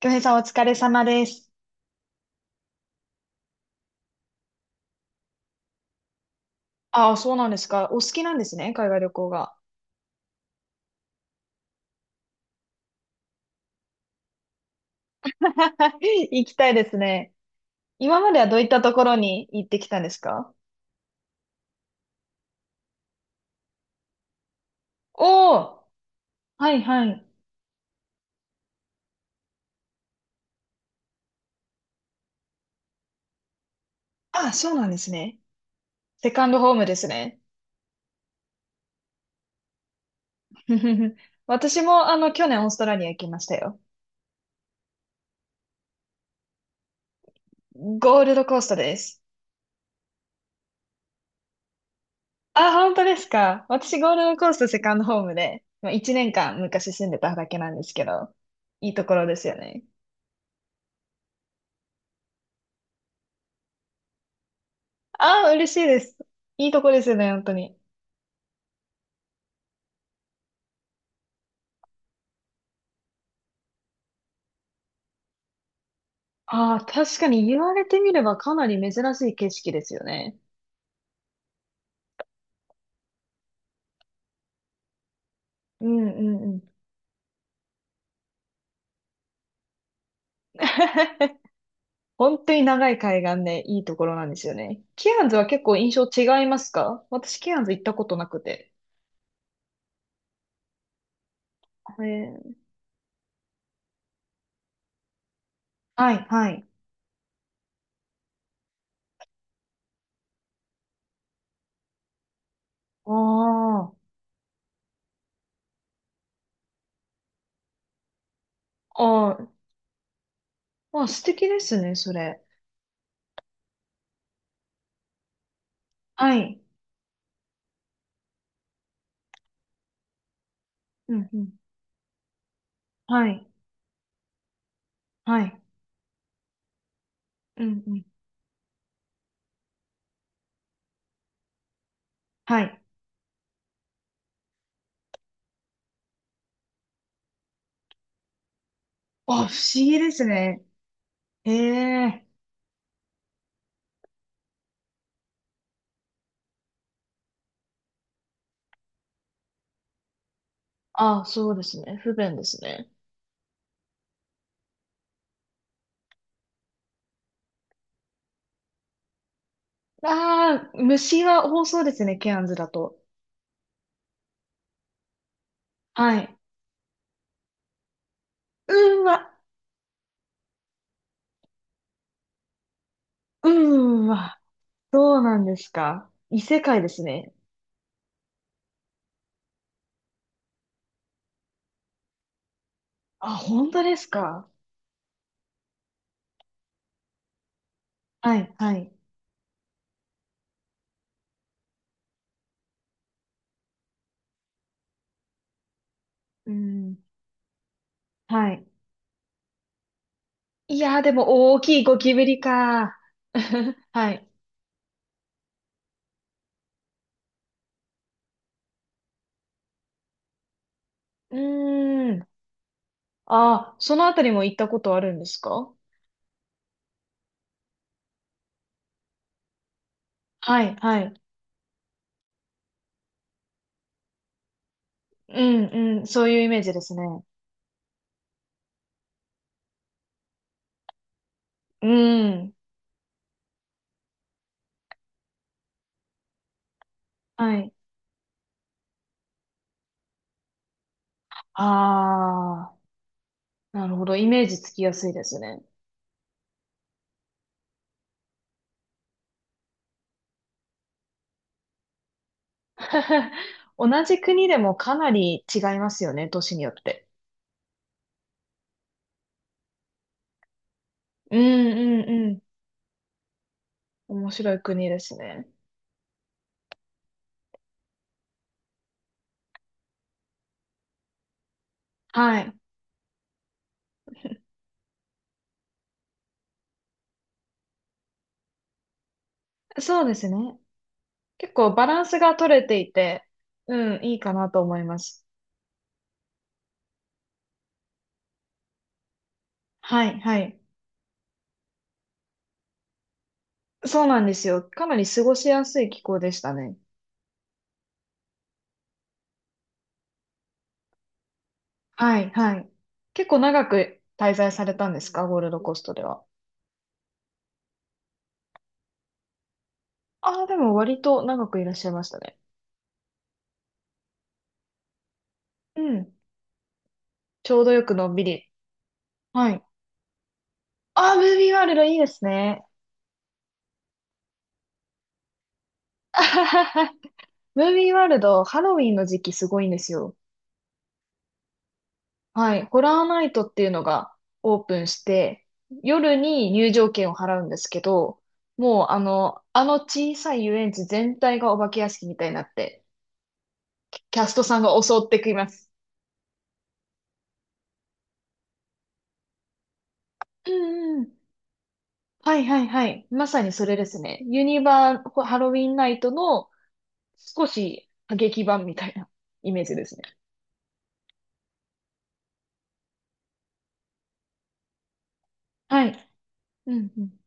京平さんお疲れ様です。ああ、そうなんですか。お好きなんですね、海外旅行が。行きたいですね。今まではどういったところに行ってきたんですか？おおー、はいはい。ああ、そうなんですね。セカンドホームですね。私も、去年オーストラリア行きましたよ。ゴールドコーストです。あ、本当ですか？私、ゴールドコーストセカンドホームで、まあ、1年間昔住んでただけなんですけど、いいところですよね。あ、嬉しいです。いいとこですよね、本当に。ああ、確かに言われてみればかなり珍しい景色ですよね。うんうんうん。本当に長い海岸でいいところなんですよね。ケアンズは結構印象違いますか？私ケアンズ行ったことなくて。えー、はい、はい。ああ、ああ、まあ素敵ですね、それ。はい。うんうん。はい、はい。うんうん。はい。あ、不思議ですね。ええ、ああ、そうですね。不便ですね。ああ、虫は多そうですね、ケアンズだと。はい。うーわ、うーわ、そうなんですか。異世界ですね。あ、本当ですか？はい、はい。うん、はい。いやー、でも大きいゴキブリか。はい。うーん。あ、そのあたりも行ったことあるんですか？はい、はい。うん、うん。そういうイメージですね。うん。はい。ああ、なるほど。イメージつきやすいですね。同じ国でもかなり違いますよね、都市によって。うんうんうん。面白い国ですね。はい。そうですね。結構バランスが取れていて、うん、いいかなと思います。はい、はい。そうなんですよ。かなり過ごしやすい気候でしたね。はい、はい。結構長く滞在されたんですか、ゴールドコーストでは。ああ、でも割と長くいらっしゃいましたね。うん。ちょうどよくのんびり。はい。ああ、ムービーワールドいいですね。あはははムービーワールド、ハロウィンの時期すごいんですよ。はい。ホラーナイトっていうのがオープンして、夜に入場券を払うんですけど、もうあの小さい遊園地全体がお化け屋敷みたいになって、キャストさんが襲ってきます。うんうん。はいはいはい。まさにそれですね。ユニバーハロウィンナイトの少し過激版みたいな イメージですね。はい。うんうん。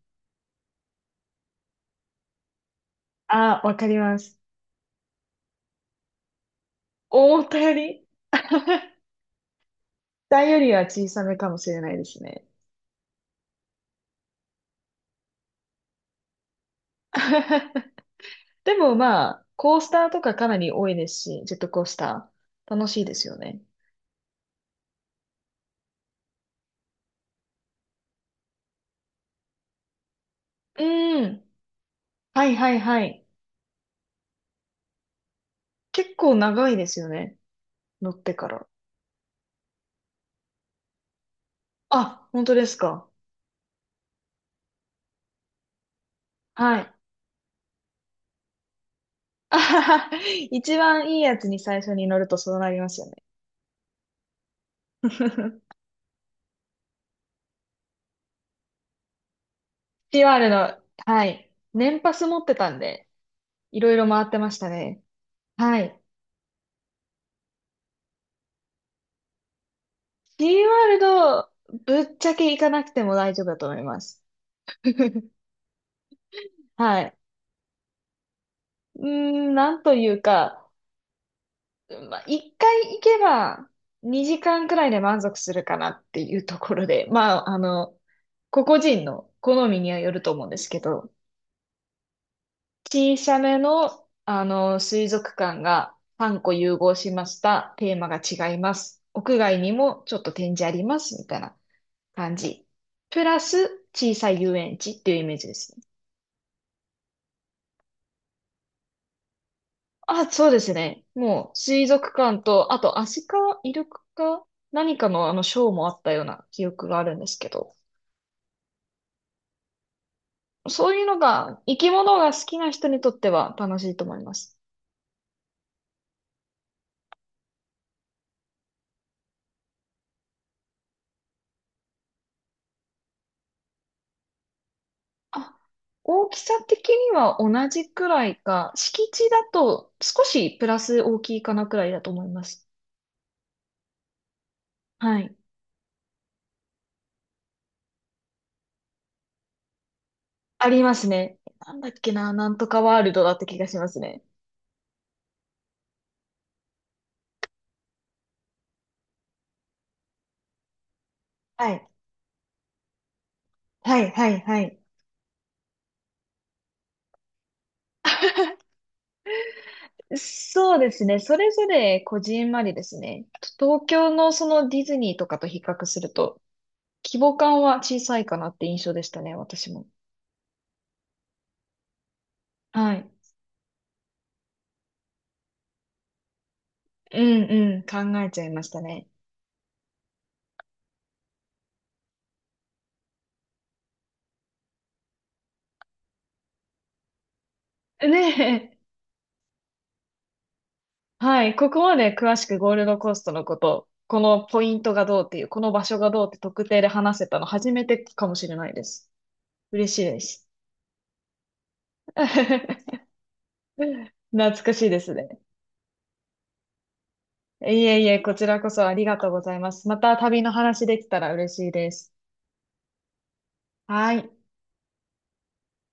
ああ、わかります。思ったより、大よりは小さめかもしれないですね。でもまあ、コースターとかかなり多いですし、ジェットコースター。楽しいですよね。うん。はいはいはい。結構長いですよね。乗ってから。あ、本当ですか。はい。あはは一番いいやつに最初に乗るとそうなりますよね。シー r の、はい。年パス持ってたんで、いろいろ回ってましたね。はい。シーワールド、ぶっちゃけ行かなくても大丈夫だと思います。はい。うーん、なんというか、まあ、一回行けば2時間くらいで満足するかなっていうところで、個々人の好みにはよると思うんですけど、小さめの、水族館が3個融合しました。テーマが違います。屋外にもちょっと展示あります。みたいな感じ。プラス小さい遊園地っていうイメージですね。あ、そうですね。もう、水族館と、あと、アシカ、イルカか、何かのショーもあったような記憶があるんですけど、そういうのが、生き物が好きな人にとっては楽しいと思います。あ、大きさ的には同じくらいか、敷地だと少しプラス大きいかなくらいだと思います。はい。ありますね。なんだっけな、なんとかワールドだった気がしますね。はい。はい、はい、はい。そうですね。それぞれこじんまりですね。と東京のそのディズニーとかと比較すると、規模感は小さいかなって印象でしたね、私も。はい。うんうん、考えちゃいましたね。ねえ。はい。ここまで詳しくゴールドコーストのこと、このポイントがどうっていう、この場所がどうって特定で話せたの初めてかもしれないです。嬉しいです。懐かしいですね。いえいえ、こちらこそありがとうございます。また旅の話できたら嬉しいです。はい。